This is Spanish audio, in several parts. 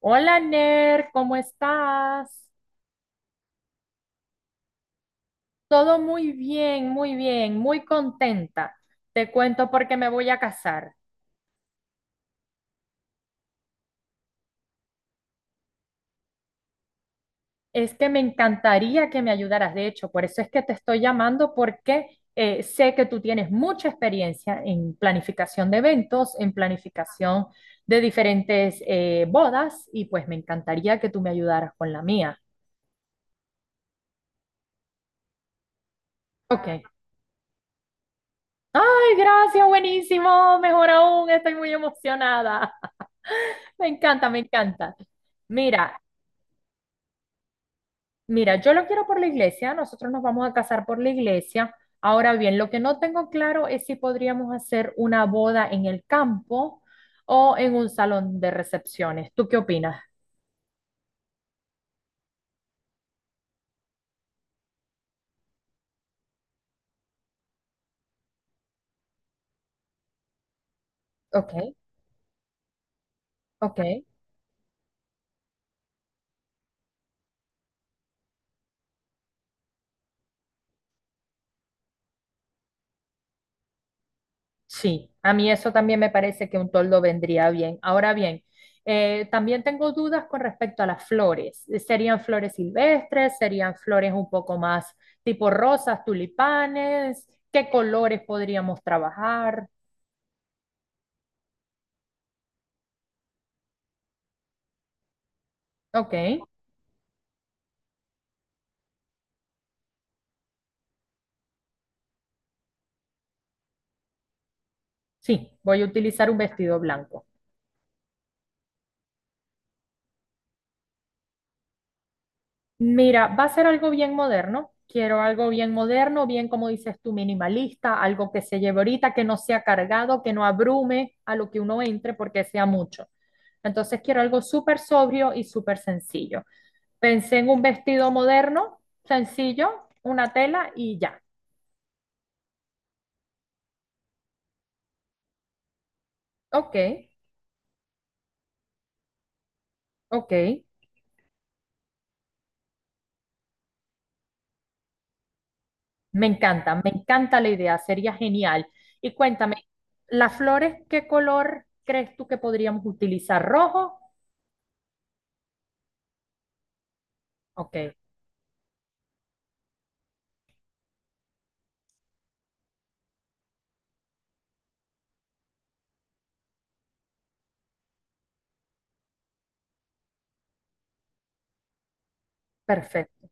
Hola Ner, ¿cómo estás? Todo muy bien, muy bien, muy contenta. Te cuento porque me voy a casar. Es que me encantaría que me ayudaras, de hecho, por eso es que te estoy llamando porque sé que tú tienes mucha experiencia en planificación de eventos, en planificación de diferentes bodas y pues me encantaría que tú me ayudaras con la mía. Ok. Ay, gracias, buenísimo, mejor aún, estoy muy emocionada. Me encanta, me encanta. Mira, mira, yo lo quiero por la iglesia, nosotros nos vamos a casar por la iglesia. Ahora bien, lo que no tengo claro es si podríamos hacer una boda en el campo o en un salón de recepciones. ¿Tú qué opinas? Ok, ok. Sí, a mí eso también me parece que un toldo vendría bien. Ahora bien, también tengo dudas con respecto a las flores. ¿Serían flores silvestres? ¿Serían flores un poco más tipo rosas, tulipanes? ¿Qué colores podríamos trabajar? Ok, sí, voy a utilizar un vestido blanco. Mira, va a ser algo bien moderno. Quiero algo bien moderno, bien como dices tú, minimalista, algo que se lleve ahorita, que no sea cargado, que no abrume a lo que uno entre porque sea mucho. Entonces quiero algo súper sobrio y súper sencillo. Pensé en un vestido moderno, sencillo, una tela y ya. Ok, ok. Me encanta la idea, sería genial. Y cuéntame, ¿las flores qué color crees tú que podríamos utilizar? ¿Rojo? Ok, perfecto.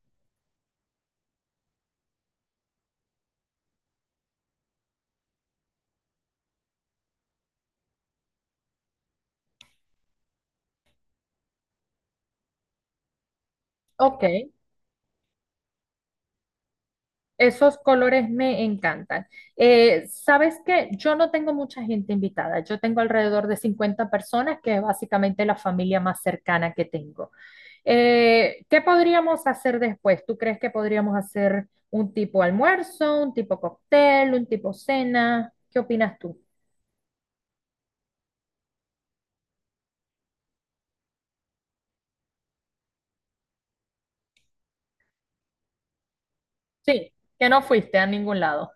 Ok, esos colores me encantan. ¿Sabes qué? Yo no tengo mucha gente invitada. Yo tengo alrededor de 50 personas, que es básicamente la familia más cercana que tengo. ¿Qué podríamos hacer después? ¿Tú crees que podríamos hacer un tipo almuerzo, un tipo cóctel, un tipo cena? ¿Qué opinas tú? Sí, que no fuiste a ningún lado.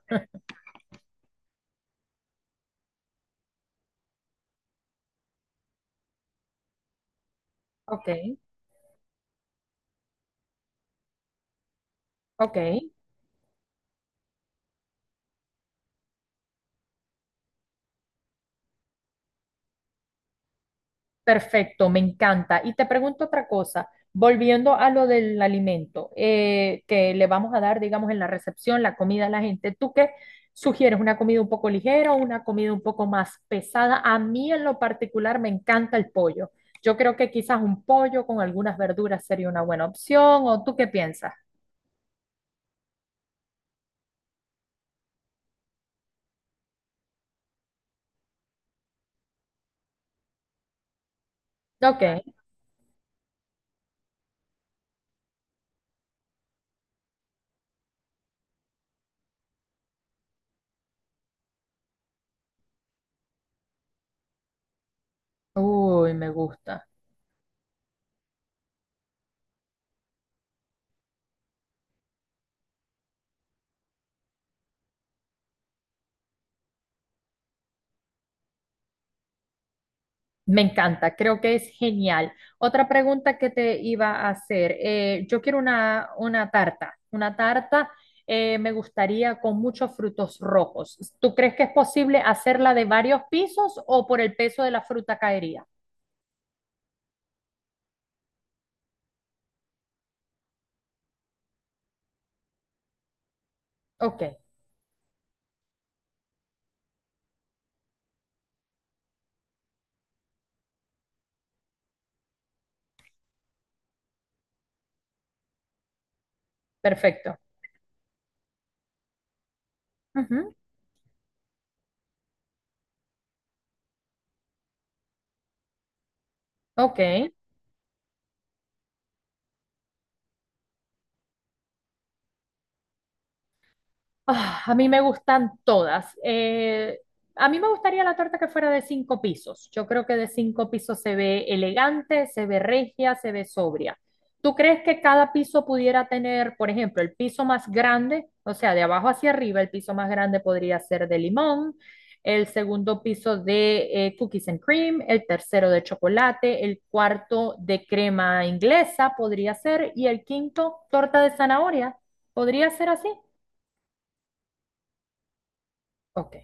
Ok, ok. Perfecto, me encanta. Y te pregunto otra cosa, volviendo a lo del alimento que le vamos a dar, digamos, en la recepción, la comida a la gente, ¿tú qué sugieres? ¿Una comida un poco ligera o una comida un poco más pesada? A mí en lo particular me encanta el pollo. Yo creo que quizás un pollo con algunas verduras sería una buena opción, ¿o tú qué piensas? Ok, uy, me gusta. Me encanta, creo que es genial. Otra pregunta que te iba a hacer, yo quiero una tarta me gustaría con muchos frutos rojos. ¿Tú crees que es posible hacerla de varios pisos o por el peso de la fruta caería? Ok, perfecto. Ujú, ok. Ah, a mí me gustan todas. A mí me gustaría la torta que fuera de cinco pisos. Yo creo que de cinco pisos se ve elegante, se ve regia, se ve sobria. ¿Tú crees que cada piso pudiera tener, por ejemplo, el piso más grande, o sea, de abajo hacia arriba, el piso más grande podría ser de limón, el segundo piso de cookies and cream, el tercero de chocolate, el cuarto de crema inglesa podría ser, y el quinto, torta de zanahoria. ¿Podría ser así? Ok.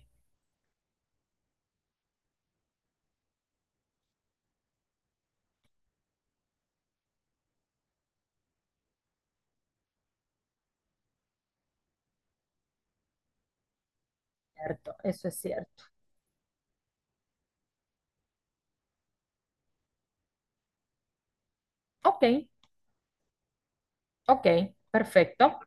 Cierto, eso es cierto. Ok, ok, perfecto.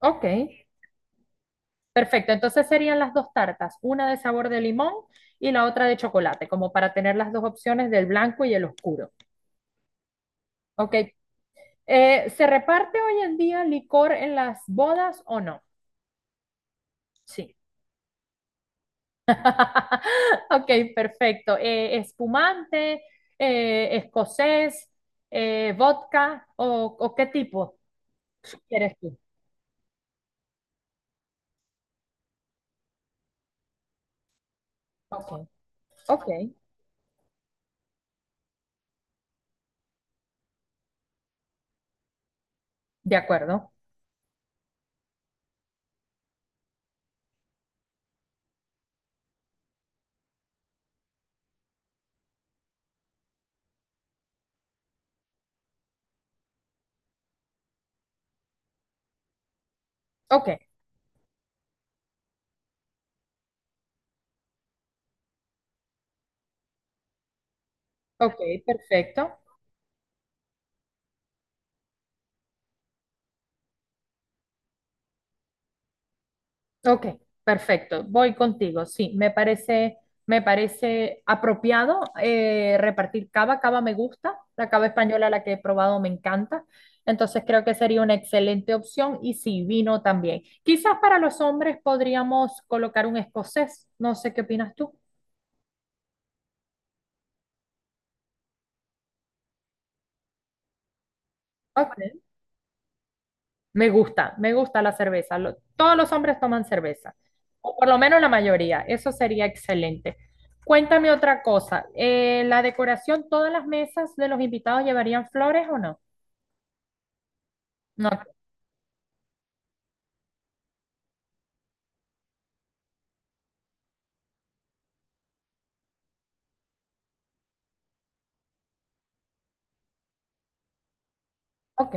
Ok, perfecto. Entonces serían las dos tartas, una de sabor de limón y la otra de chocolate, como para tener las dos opciones del blanco y el oscuro. Ok, ¿se reparte hoy en día licor en las bodas o no? Sí. Ok, perfecto. Espumante, escocés, vodka o qué tipo quieres tú. Ok, ok, de acuerdo. Ok, ok, perfecto. Ok, perfecto. Voy contigo. Sí, me parece apropiado repartir cava. Cava me gusta. La cava española, la que he probado, me encanta. Entonces creo que sería una excelente opción. Y sí, vino también. Quizás para los hombres podríamos colocar un escocés. No sé qué opinas tú. Ok, me gusta, me gusta la cerveza. Lo- todos los hombres toman cerveza, o por lo menos la mayoría. Eso sería excelente. Cuéntame otra cosa. ¿La decoración, todas las mesas de los invitados llevarían flores o no? No. Ok.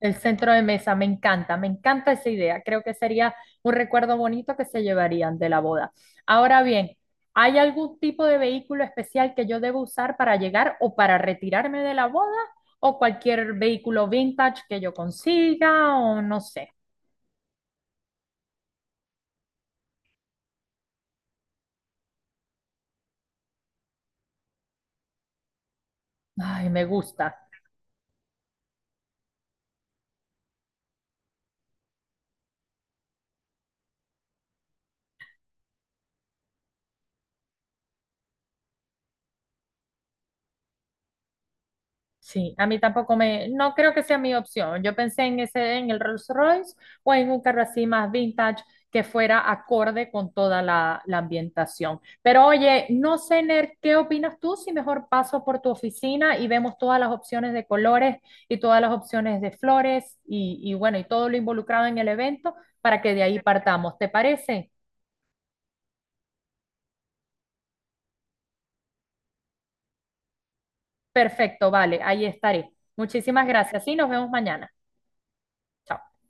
El centro de mesa, me encanta esa idea. Creo que sería un recuerdo bonito que se llevarían de la boda. Ahora bien, ¿hay algún tipo de vehículo especial que yo debo usar para llegar o para retirarme de la boda? ¿O cualquier vehículo vintage que yo consiga? O no sé. Ay, me gusta. Sí, a mí tampoco me, no creo que sea mi opción. Yo pensé en ese, en el Rolls Royce o en un carro así más vintage que fuera acorde con toda la, la ambientación. Pero oye, no sé, Ner, ¿qué opinas tú? Si mejor paso por tu oficina y vemos todas las opciones de colores y todas las opciones de flores y bueno, y todo lo involucrado en el evento para que de ahí partamos. ¿Te parece? Perfecto, vale, ahí estaré. Muchísimas gracias y nos vemos mañana. Chao.